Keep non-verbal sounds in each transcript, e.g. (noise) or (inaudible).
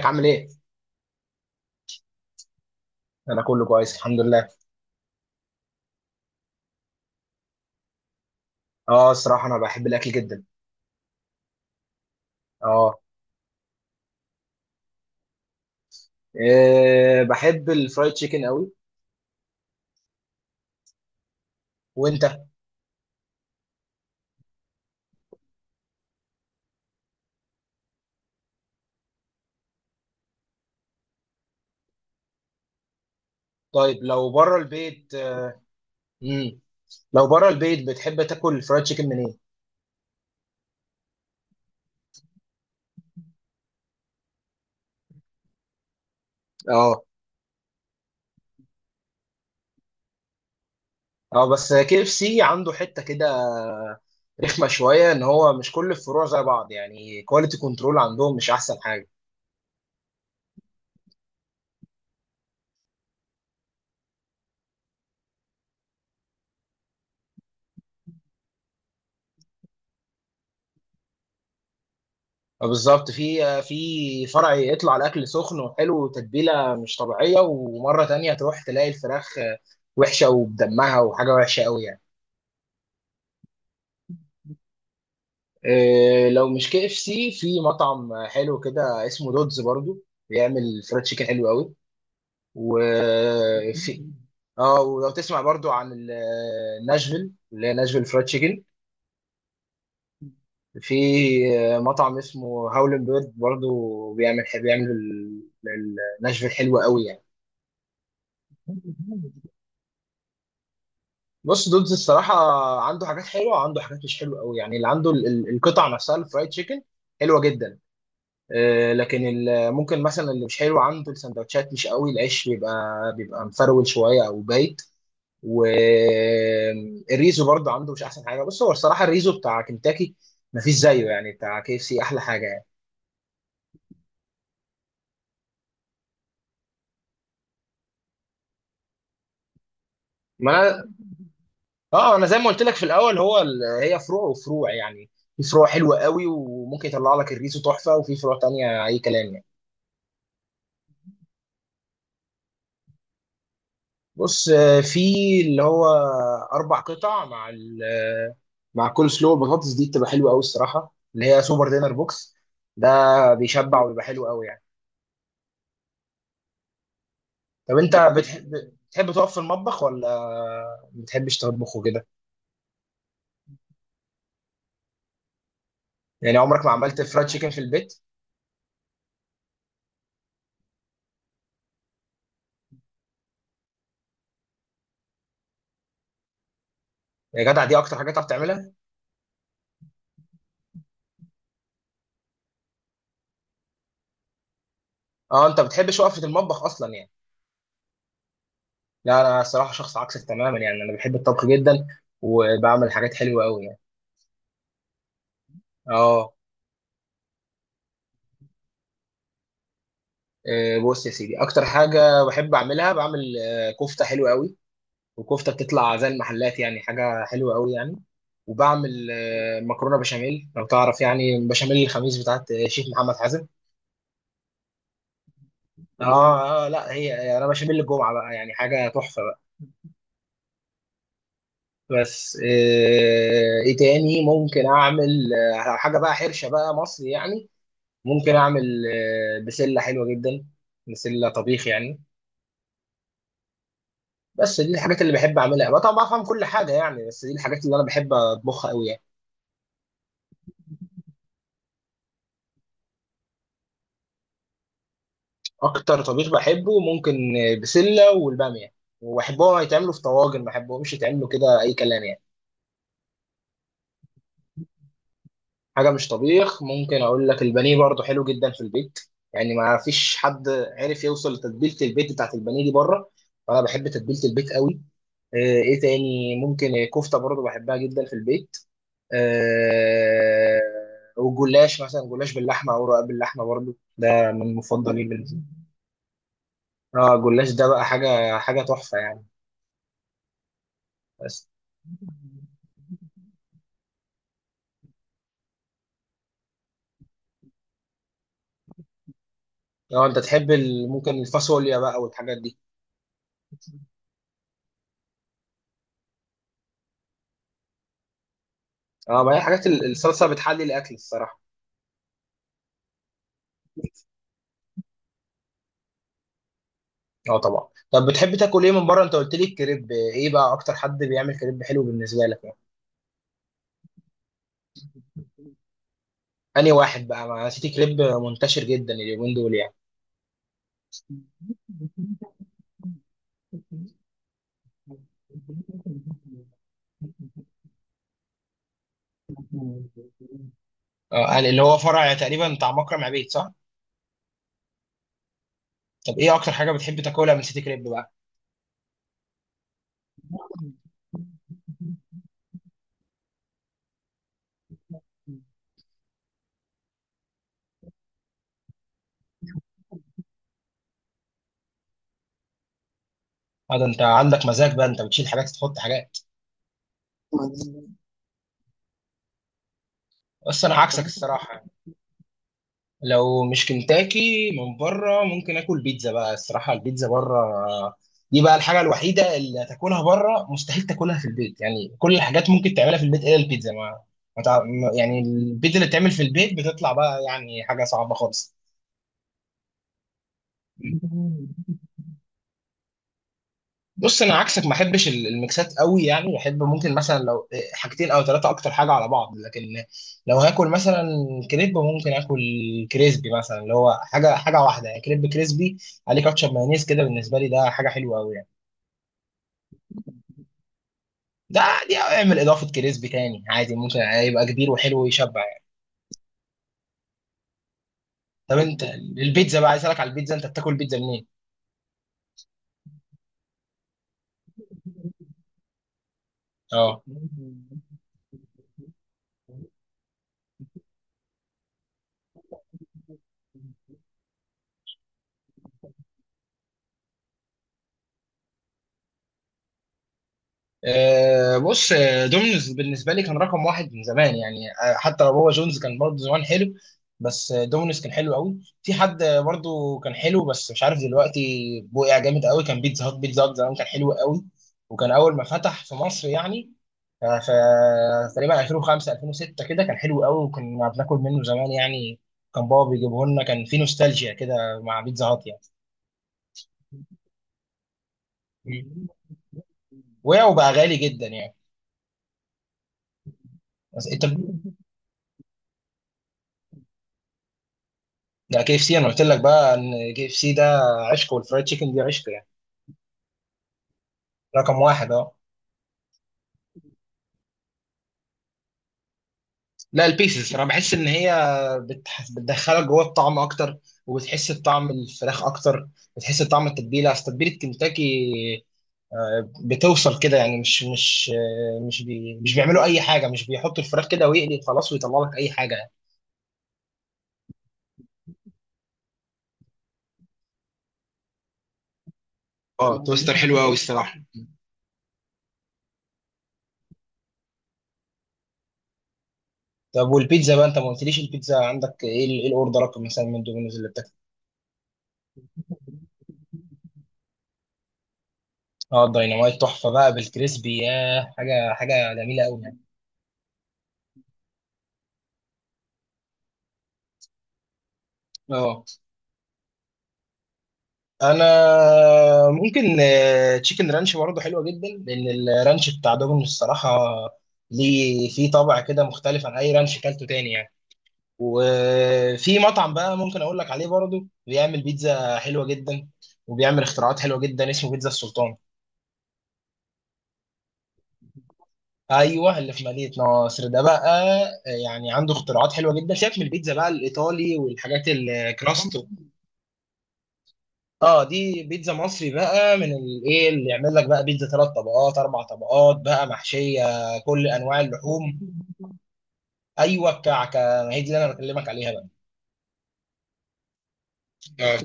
ازيك عامل ايه؟ انا كله كويس الحمد لله. اه، الصراحه انا بحب الاكل جدا. اه. إيه، بحب الفرايد تشيكن قوي. وانت؟ طيب، لو بره البيت؟ امم لو بره البيت بتحب تاكل الفرايد تشيكن منين؟ اه، اه، بس كي اف سي عنده حته كده رخمه شويه، ان هو مش كل الفروع زي بعض يعني كواليتي كنترول عندهم مش احسن حاجه. بالظبط، في فرع يطلع الاكل سخن وحلو وتتبيله مش طبيعيه، ومره تانية تروح تلاقي الفراخ وحشه وبدمها وحاجه وحشه قوي يعني. لو مش كي اف سي، في مطعم حلو كده اسمه دودز برضو بيعمل فرايد تشيكن حلو قوي. وفي، اه، ولو تسمع برضو عن ناشفيل، اللي هي ناشفيل فرايد تشيكن. في مطعم اسمه هاولن بيرد برضو بيعمل ال- ناشفيل حلوه قوي. يعني بص، دودز الصراحة عنده حاجات حلوة، عنده حاجات مش حلوة قوي يعني. اللي عنده القطع نفسها، الفرايد تشيكن حلوة جدا. لكن ممكن مثلا اللي مش حلو عنده السندوتشات، مش قوي، العيش بيبقى مفرول شوية أو بايت. والريزو برضه عنده مش أحسن حاجة. بص، هو الصراحة الريزو بتاع كنتاكي مفيش زيه يعني، بتاع كي اف سي أحلى حاجة يعني. ما أنا، أنا زي ما قلت لك في الأول، هو هي فروع وفروع يعني. في فروع حلوة قوي وممكن يطلع لك الريزو تحفة، وفي فروع تانية أي كلام يعني. بص، في اللي هو اربع قطع مع ال آه، مع كل سلو، البطاطس دي بتبقى حلوه قوي الصراحه، اللي هي سوبر دينر بوكس ده بيشبع وبيبقى حلو قوي يعني. طب انت بتحب تقف في المطبخ ولا ما بتحبش تطبخ وكده؟ يعني عمرك ما عملت فرايد تشيكن في البيت؟ يا جدع، دي اكتر حاجه تعرف تعملها؟ اه، انت بتحبش وقفه المطبخ اصلا يعني. لا، انا الصراحه شخص عكسك تماما يعني، انا بحب الطبخ جدا وبعمل حاجات حلوه قوي يعني. اه. بص يا سيدي، اكتر حاجه بحب اعملها، بعمل كفته حلوه قوي، وكفته بتطلع زي المحلات يعني حاجه حلوه قوي يعني. وبعمل مكرونه بشاميل، لو تعرف، يعني بشاميل الخميس بتاعت شيف محمد حازم. اه اه، لا هي يعني انا بشاميل الجمعه بقى، يعني حاجه تحفه بقى. بس ايه تاني ممكن اعمل؟ حاجه بقى حرشه بقى مصري يعني. ممكن اعمل بسله حلوه جدا، بسله طبيخ يعني. بس دي الحاجات اللي بحب اعملها بقى. طبعا بفهم كل حاجه يعني، بس دي الحاجات اللي انا بحب اطبخها قوي يعني. اكتر طبيخ بحبه ممكن بسله والباميه، وبحبهم يتعملوا في طواجن، ما بحبهمش يتعملوا كده اي كلام يعني. حاجه مش طبيخ، ممكن اقول لك البانيه برضو حلو جدا في البيت يعني. ما فيش حد عرف يوصل لتتبيله البيت بتاعت البانيه دي بره، فانا بحب تتبيله البيت قوي. ايه تاني ممكن كفته برضو بحبها جدا في البيت. آه، وجلاش مثلا، جلاش باللحمه او رقاق باللحمه برضو، ده من مفضلي بالنسبه لي. اه، الجلاش ده بقى حاجه، حاجه تحفه يعني. بس لو انت تحب ممكن الفاصوليا بقى والحاجات دي. اه، ما هي حاجات الصلصه بتحلي الاكل الصراحه. اه طبعا. طب بتحب تاكل ايه من بره؟ انت قلت لي الكريب، ايه بقى اكتر حد بيعمل كريب حلو بالنسبه لك يعني؟ انهي واحد بقى؟ ما نسيت، كريب منتشر جدا اليومين دول يعني. اه، يعني اللي هو فرع تقريبا بتاع مكرم عبيد، صح؟ طب ايه اكتر حاجه بتحب تاكلها من سيتي كريب بقى؟ اه، ده انت عندك مزاج بقى، انت بتشيل حاجات تحط حاجات. بس انا عكسك الصراحه. لو مش كنتاكي من بره، ممكن اكل بيتزا بقى الصراحه. البيتزا بره دي بقى الحاجه الوحيده اللي تاكلها بره، مستحيل تاكلها في البيت يعني. كل الحاجات ممكن تعملها في البيت الا البيتزا. ما ما تع- ما- يعني البيتزا اللي بتعمل في البيت بتطلع بقى يعني حاجه صعبه خالص. (laughs) بص، انا عكسك، ما احبش الميكسات قوي يعني. احب ممكن مثلا لو حاجتين او ثلاثه اكتر حاجه على بعض، لكن لو هاكل مثلا كريب، ممكن اكل كريسبي مثلا، اللي هو حاجه، حاجه واحده يعني، كريب كريسبي عليه كاتشب مايونيز كده، بالنسبه لي ده حاجه حلوه قوي يعني. ده عادي اعمل اضافه كريسبي تاني عادي، ممكن يبقى كبير وحلو ويشبع يعني. طب انت، البيتزا بقى، عايز اسالك على البيتزا، انت بتاكل بيتزا منين؟ اه. بص، دومينيز بالنسبه لي كان رقم واحد من زمان يعني. حتى لو هو جونز كان برضه زمان حلو، بس دومينيز كان حلو قوي. في حد برضه كان حلو بس مش عارف دلوقتي، بقع جامد قوي كان بيتزا هات. بيتزا هات زمان كان حلو قوي، وكان اول ما فتح في مصر يعني. ف تقريبا 2005 2006 كده كان حلو قوي وكنا بناكل منه زمان يعني. كان بابا بيجيبه لنا، كان في نوستالجيا كده مع بيتزا هات يعني. مم. وقع وبقى غالي جدا يعني. بس انت، ده كي اف سي، انا قلت لك بقى ان كي اف سي ده عشق، والفرايد تشيكن دي عشق يعني. رقم واحد، اه. لا، البيسز، انا بحس ان هي بتدخلك جوه الطعم اكتر، وبتحس بطعم الفراخ اكتر، بتحس بطعم التتبيله. اصل تتبيله كنتاكي بتوصل كده يعني. مش مش بيعملوا اي حاجه، مش بيحطوا الفراخ كده ويقلي خلاص ويطلع لك اي حاجه يعني. اه، توستر حلو قوي الصراحه. طب والبيتزا بقى، انت ما قلتليش البيتزا عندك ايه ايه الاوردرات مثلا من دومينوز اللي بتاكل؟ اه، الديناميت تحفه بقى، بالكريسبي، ياه حاجه، حاجه جميله قوي يعني. اه. انا ممكن تشيكن رانش برضه حلوه جدا، لان الرانش بتاع دومينوز الصراحه ليه فيه طابع كده مختلف عن اي رانش كلته تاني يعني. وفي مطعم بقى ممكن اقول لك عليه برضه بيعمل بيتزا حلوه جدا، وبيعمل اختراعات حلوه جدا، اسمه بيتزا السلطان. ايوه، اللي في مدينه نصر ده بقى. يعني عنده اختراعات حلوه جدا، سيبك من البيتزا بقى الايطالي والحاجات الكراست. اه، دي بيتزا مصري بقى، من الايه اللي يعمل لك بقى بيتزا ثلاث طبقات، اربع طبقات بقى، محشيه كل انواع اللحوم. ايوه، الكعكه، ما هي دي اللي انا بكلمك عليها بقى. اه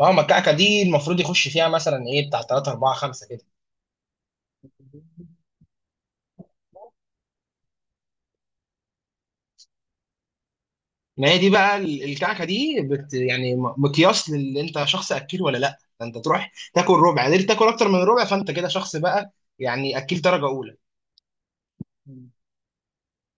اه، ما الكعكه دي المفروض يخش فيها مثلا ايه بتاع 3 4 5 كده. ما هي دي بقى الكعكه دي بت يعني مقياس لل انت شخص اكيل ولا لا، انت تروح تاكل ربع، قدرت تاكل اكتر من ربع، فانت كده شخص بقى يعني اكيل درجه اولى.